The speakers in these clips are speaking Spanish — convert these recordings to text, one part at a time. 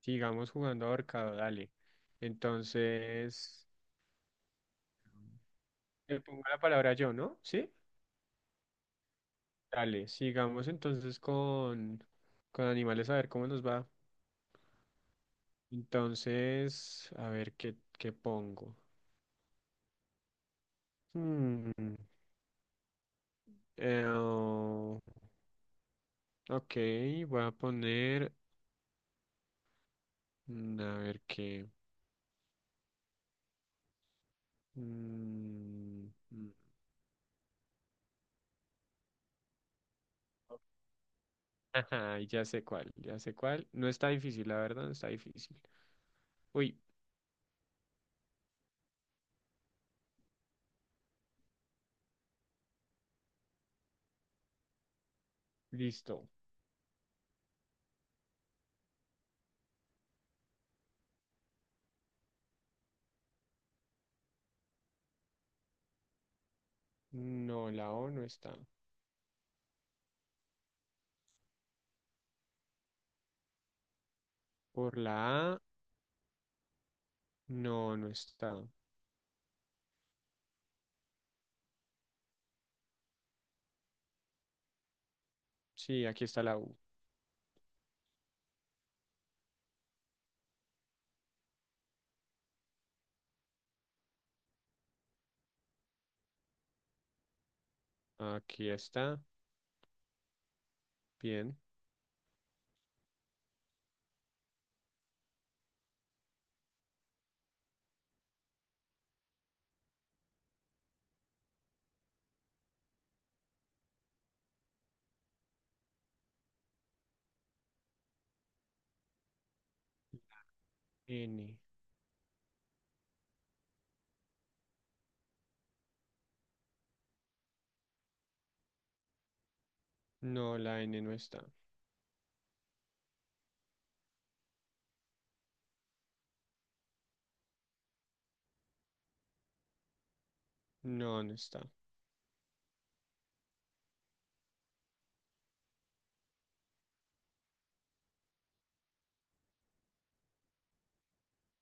Sigamos jugando ahorcado, dale. Entonces, le pongo la palabra yo, ¿no? ¿Sí? Dale, sigamos entonces con animales a ver cómo nos va. Entonces, a ver qué pongo. Hmm, eh, oh, ok, voy a poner, a ver qué. mm, mm, ajá, ya sé cuál, ya sé cuál. No está difícil, la verdad, no está difícil. Uy, listo. No, la O no está. Por la A, no, no está. Sí, aquí está la U. Aquí está. Bien. N. No, la N no está. No, no está.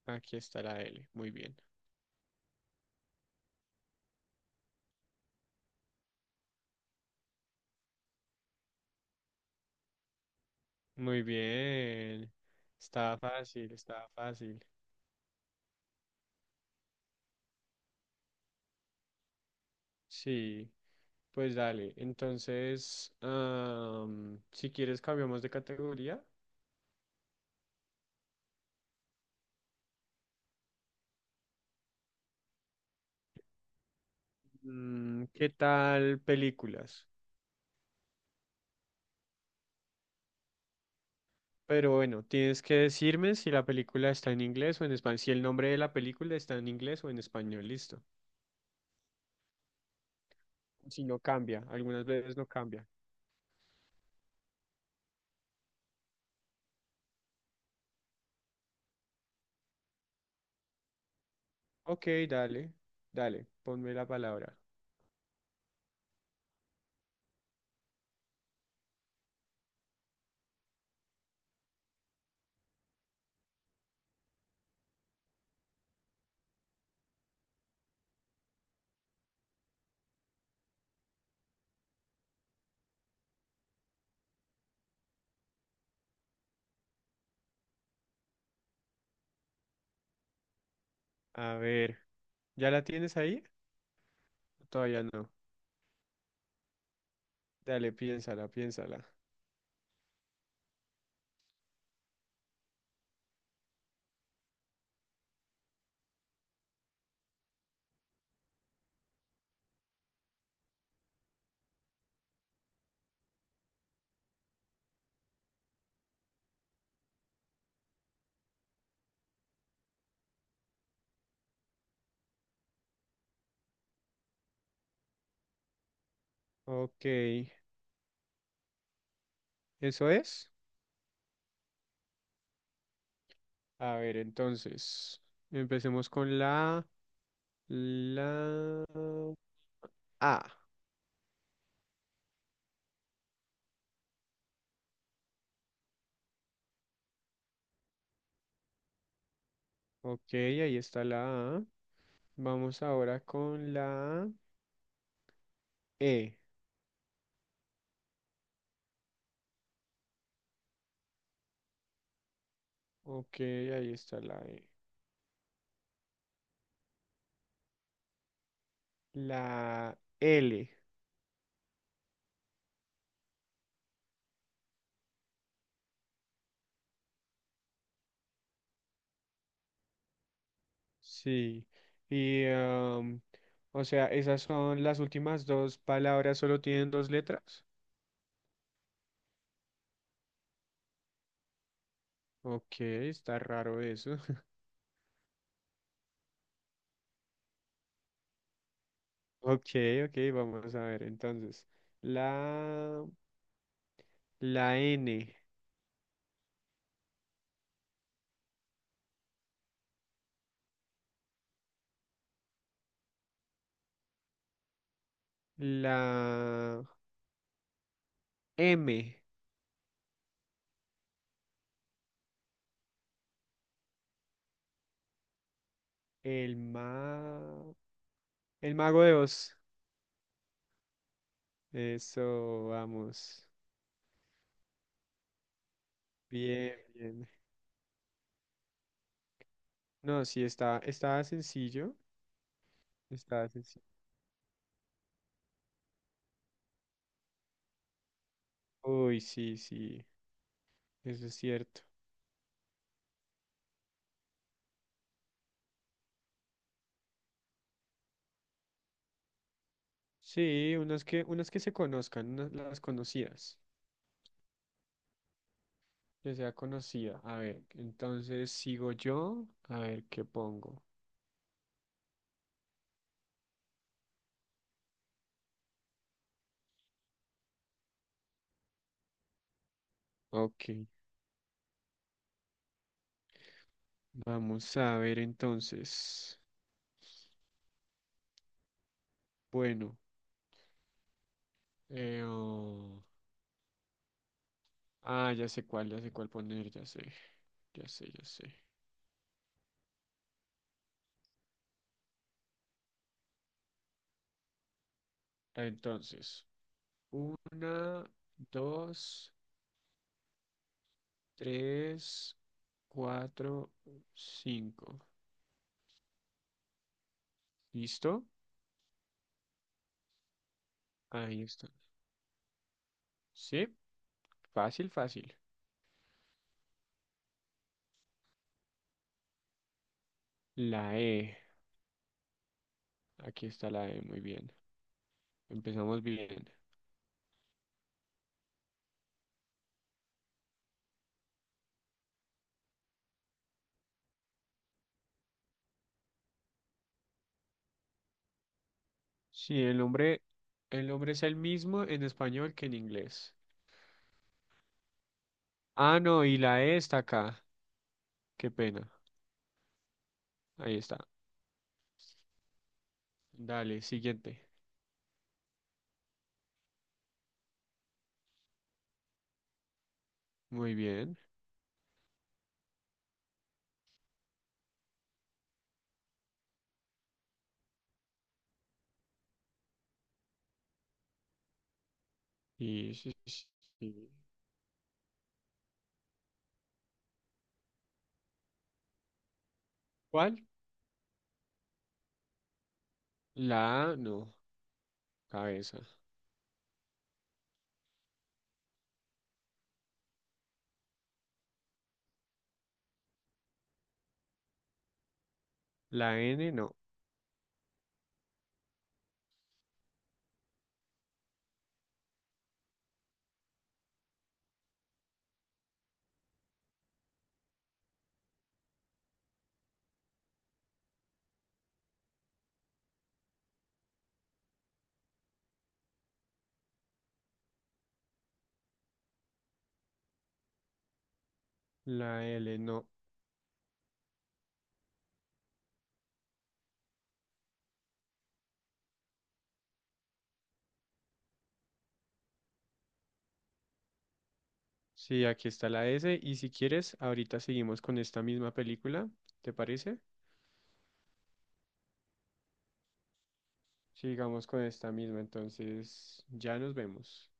Aquí está la L. Muy bien. Muy bien. Estaba fácil, estaba fácil. Sí, pues dale. Entonces, si quieres, cambiamos de categoría. ¿Qué tal películas? Pero bueno, tienes que decirme si la película está en inglés o en español, si el nombre de la película está en inglés o en español, listo. Si no cambia, algunas veces no cambia. Ok, dale, dale, ponme la palabra. A ver, ¿ya la tienes ahí? Todavía no. Dale, piénsala, piénsala. Ok, ¿eso es? A ver, entonces, empecemos con la A. Ok, ahí está la A. Vamos ahora con la E. Ok, ahí está la E. La L, sí. Y, o sea, esas son las últimas dos palabras, solo tienen dos letras. Ok, está raro eso. Ok, ok, vamos a ver entonces. La, la N, la M, el ma, el mago de Oz. Eso, vamos. Bien, bien. No, sí, está sencillo. Está sencillo. Uy, sí, sí, eso es cierto. Sí, unas que se conozcan, unas las conocidas, que sea conocida. A ver, entonces sigo yo, a ver qué pongo. Ok, vamos a ver entonces. Bueno, eh, oh, ya sé cuál poner, ya sé, ya sé, ya sé. Entonces, una, dos, tres, cuatro, cinco. ¿Listo? Ahí está. ¿Sí? Fácil, fácil. La E. Aquí está la E, muy bien. Empezamos bien. Sí, el nombre es el mismo en español que en inglés. Ah, no, y la E está acá. Qué pena. Ahí está. Dale, siguiente. Muy bien. Y sí, sí, sí. ¿Cuál? La A, no. Cabeza. La N, no. La L, no. Sí, aquí está la S. Y si quieres, ahorita seguimos con esta misma película. ¿Te parece? Sigamos con esta misma, entonces ya nos vemos.